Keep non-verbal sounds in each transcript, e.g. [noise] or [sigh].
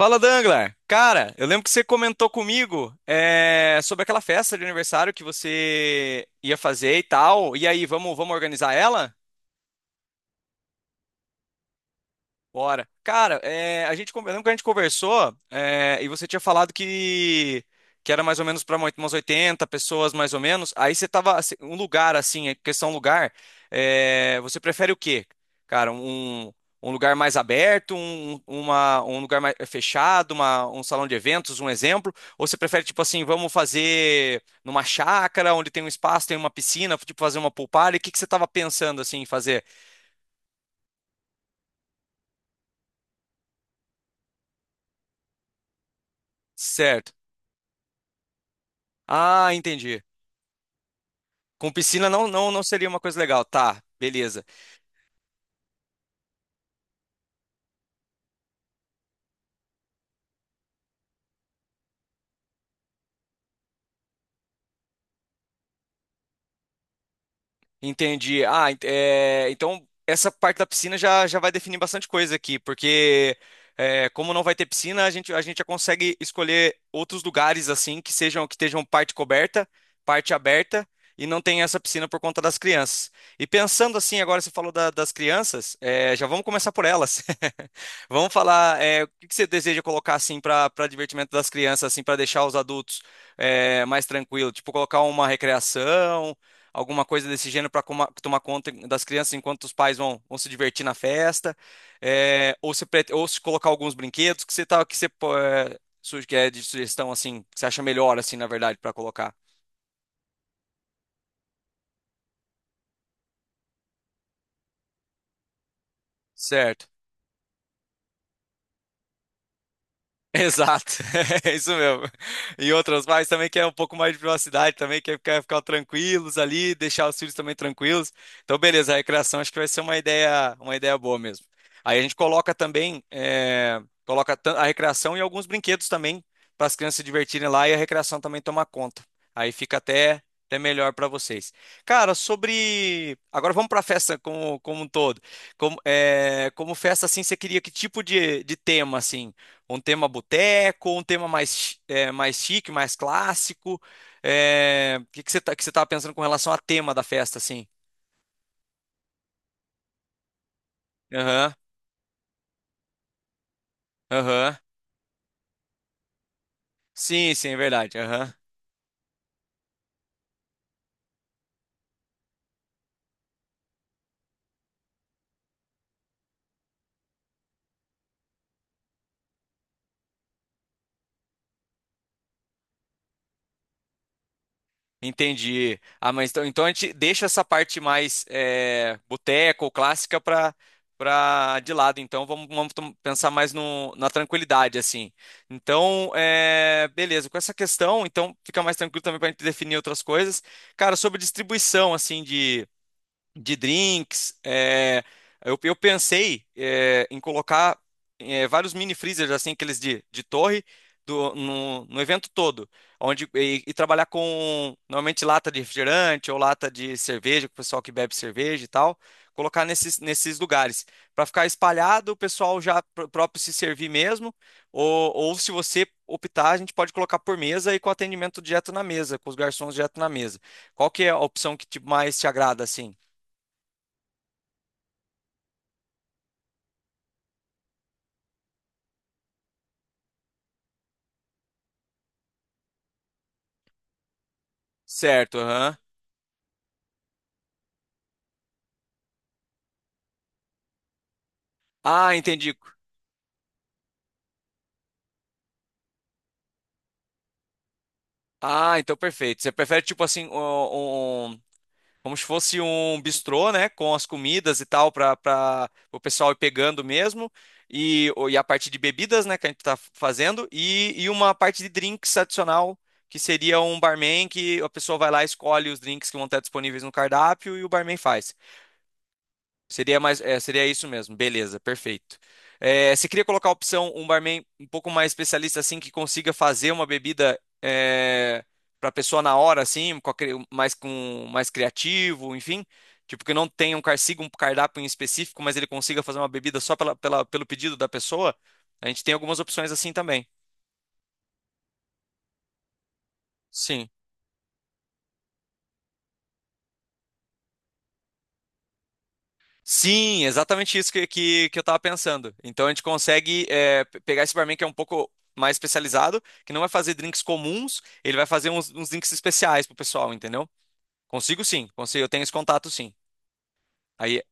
Fala, Danglar. Cara, eu lembro que você comentou comigo sobre aquela festa de aniversário que você ia fazer e tal. E aí, vamos organizar ela? Bora. Cara, lembra que a gente conversou, e você tinha falado que era mais ou menos para umas 80 pessoas, mais ou menos. Aí você tava, assim, um lugar assim, é questão lugar, você prefere o quê? Cara, um, lugar mais aberto, um lugar mais fechado, um salão de eventos, um exemplo? Ou você prefere, tipo assim, vamos fazer numa chácara, onde tem um espaço, tem uma piscina, tipo fazer uma pool party? O que que você tava pensando, assim, em fazer? Certo. Ah, entendi. Com piscina não, não, não seria uma coisa legal. Tá, beleza. Entendi. Ah, é, então essa parte da piscina já vai definir bastante coisa aqui, porque como não vai ter piscina, a gente já consegue escolher outros lugares assim que estejam parte coberta, parte aberta e não tem essa piscina por conta das crianças. E pensando assim, agora você falou das crianças, já vamos começar por elas. [laughs] Vamos falar, o que que você deseja colocar assim para divertimento das crianças, assim para deixar os adultos mais tranquilos, tipo colocar uma recreação, alguma coisa desse gênero para tomar conta das crianças enquanto os pais vão se divertir na festa, ou se colocar alguns brinquedos que você tá, que você pô- é, suge- que é de sugestão assim, que você acha melhor assim, na verdade, para colocar. Certo. Exato, [laughs] é isso mesmo. E outras pais também querem um pouco mais de privacidade, também quer ficar tranquilos ali, deixar os filhos também tranquilos. Então, beleza, a recreação acho que vai ser uma ideia boa mesmo. Aí a gente coloca também, a recreação e alguns brinquedos também para as crianças se divertirem lá e a recreação também tomar conta. Aí fica até melhor para vocês. Cara, sobre. Agora vamos para a festa como um todo. Como festa, assim, você queria que tipo de tema, assim? Um tema boteco, um tema mais, mais chique, mais clássico. O que que que você tava pensando com relação a tema da festa, assim? Aham, aham. Sim, sim, é verdade. Aham. Entendi. Ah, mas então, a gente deixa essa parte mais boteco, clássica para de lado. Então vamos pensar mais no, na tranquilidade, assim. Então, beleza. Com essa questão, então fica mais tranquilo também para a gente definir outras coisas. Cara, sobre distribuição, assim, de drinks. Eu pensei em colocar vários mini freezers, assim, aqueles de torre, no evento todo, e trabalhar com normalmente lata de refrigerante ou lata de cerveja, com o pessoal que bebe cerveja e tal, colocar nesses lugares, para ficar espalhado, o pessoal já próprio se servir mesmo, ou se você optar, a gente pode colocar por mesa e com atendimento direto na mesa, com os garçons direto na mesa. Qual que é a opção mais te agrada, assim? Certo, aham. Ah, entendi. Ah, então perfeito. Você prefere tipo assim como se fosse um bistrô, né, com as comidas e tal para o pessoal ir pegando mesmo e a parte de bebidas, né, que a gente tá fazendo e uma parte de drinks adicional que seria um barman que a pessoa vai lá e escolhe os drinks que vão estar disponíveis no cardápio e o barman faz. Seria mais, seria isso mesmo. Beleza, perfeito. Você queria colocar a opção um barman um pouco mais especialista assim que consiga fazer uma bebida para a pessoa na hora assim, mais com mais criativo, enfim, tipo que não tenha siga um cardápio em específico, mas ele consiga fazer uma bebida só pelo pedido da pessoa. A gente tem algumas opções assim também. Sim. Sim, exatamente isso que eu tava pensando. Então a gente consegue pegar esse barman que é um pouco mais especializado, que não vai fazer drinks comuns, ele vai fazer uns drinks especiais pro pessoal, entendeu? Consigo sim, consigo, eu tenho esse contato sim. Aí,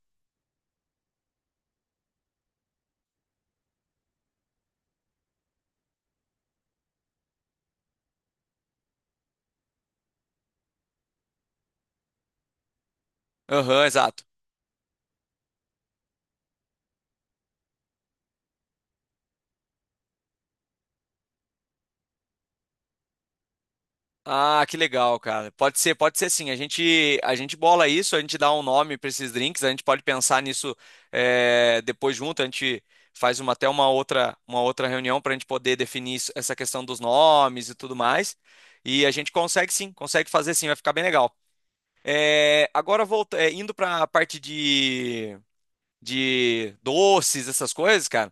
aham, exato. Ah, que legal, cara. Pode ser sim. A gente bola isso, a gente dá um nome para esses drinks, a gente pode pensar nisso, depois junto, a gente faz uma outra reunião para a gente poder definir essa questão dos nomes e tudo mais. E a gente consegue sim, consegue fazer sim, vai ficar bem legal. Agora indo para a parte de doces, essas coisas, cara.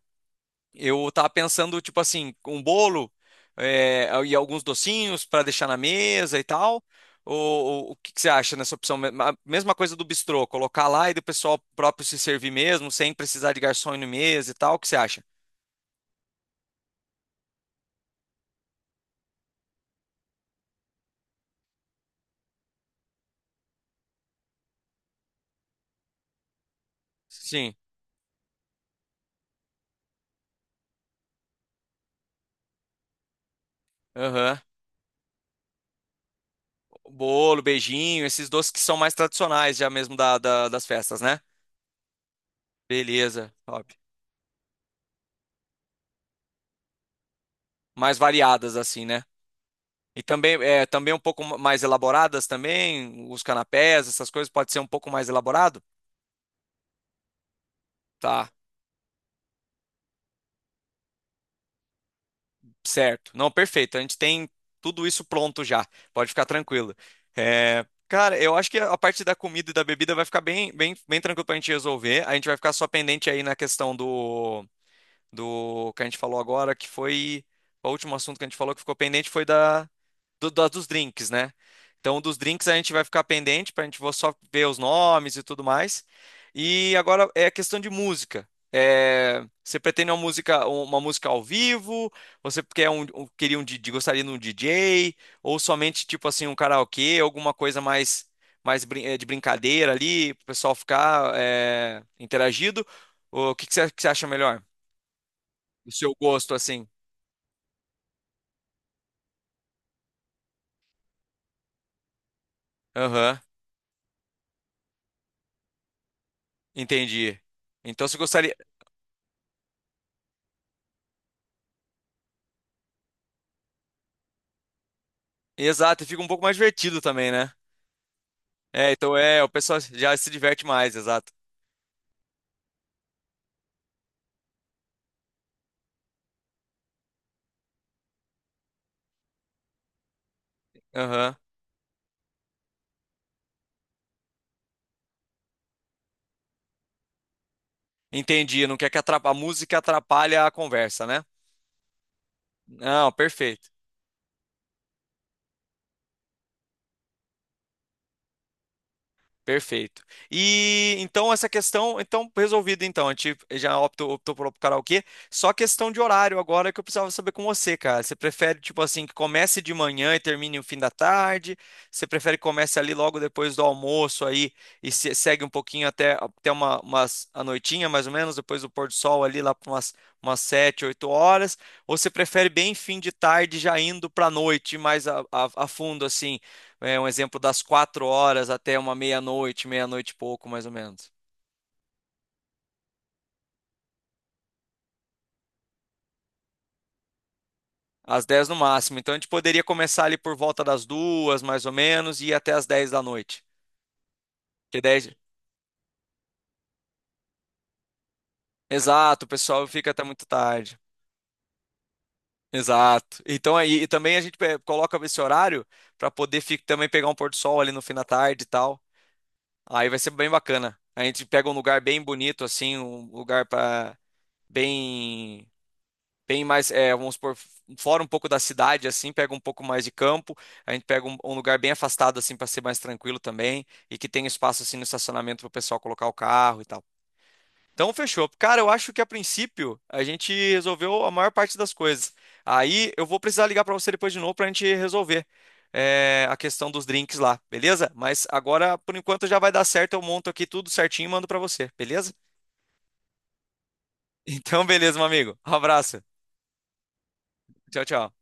Eu tava pensando, tipo assim, um bolo, e alguns docinhos para deixar na mesa e tal. Ou o que que você acha nessa opção? A mesma coisa do bistrô, colocar lá e do pessoal próprio se servir mesmo, sem precisar de garçom ir no mesa e tal. O que você acha? Sim. Aham. Bolo, beijinho, esses doces que são mais tradicionais já mesmo das festas, né? Beleza, top. Mais variadas assim, né? E também, também um pouco mais elaboradas também, os canapés, essas coisas pode ser um pouco mais elaborado? Tá. Certo. Não, perfeito. A gente tem tudo isso pronto já. Pode ficar tranquilo. Cara, eu acho que a parte da comida e da bebida vai ficar bem, bem, bem tranquilo pra gente resolver. A gente vai ficar só pendente aí na questão do que a gente falou agora, que foi. O último assunto que a gente falou que ficou pendente foi da, do- das dos drinks, né? Então, um dos drinks a gente vai ficar pendente para a gente vou só ver os nomes e tudo mais. E agora é a questão de música. Você pretende uma música, ao vivo? Você quer queria um DJ, gostaria de um DJ? Ou somente tipo assim um karaokê, alguma coisa mais, de brincadeira ali, para o pessoal ficar interagido? Ou o que que você acha melhor? O seu gosto assim? Aham, entendi. Então você gostaria, exato, e fica um pouco mais divertido também, né? Então o pessoal já se diverte mais, exato. Aham. Entendi, não quer que a música atrapalhe a conversa, né? Não, perfeito. Perfeito. E então essa questão, então resolvida. Então, a gente já optou por karaokê. Só questão de horário agora que eu precisava saber com você, cara. Você prefere tipo assim que comece de manhã e termine no fim da tarde? Você prefere que comece ali logo depois do almoço aí e segue um pouquinho até umas a noitinha mais ou menos, depois do pôr do sol ali lá para umas 7, 8 horas? Ou você prefere bem fim de tarde já indo para noite mais a fundo assim? É um exemplo das 4 horas até uma meia-noite, meia-noite e pouco, mais ou menos. Às 10 no máximo. Então a gente poderia começar ali por volta das 2, mais ou menos, e ir até as 10 da noite. Que 10? Exato, o pessoal fica até muito tarde. Exato. Então aí e também a gente coloca esse horário para poder também pegar um pôr do sol ali no fim da tarde e tal. Aí vai ser bem bacana. A gente pega um lugar bem bonito assim, um lugar para bem Tem mais, é, vamos supor, fora um pouco da cidade, assim, pega um pouco mais de campo, a gente pega um lugar bem afastado, assim, para ser mais tranquilo também, e que tem espaço, assim, no estacionamento para o pessoal colocar o carro e tal. Então, fechou. Cara, eu acho que a princípio a gente resolveu a maior parte das coisas. Aí eu vou precisar ligar para você depois de novo para a gente resolver, a questão dos drinks lá, beleza? Mas agora, por enquanto, já vai dar certo. Eu monto aqui tudo certinho e mando para você, beleza? [laughs] Então, beleza, meu amigo. Um abraço. Tchau, tchau.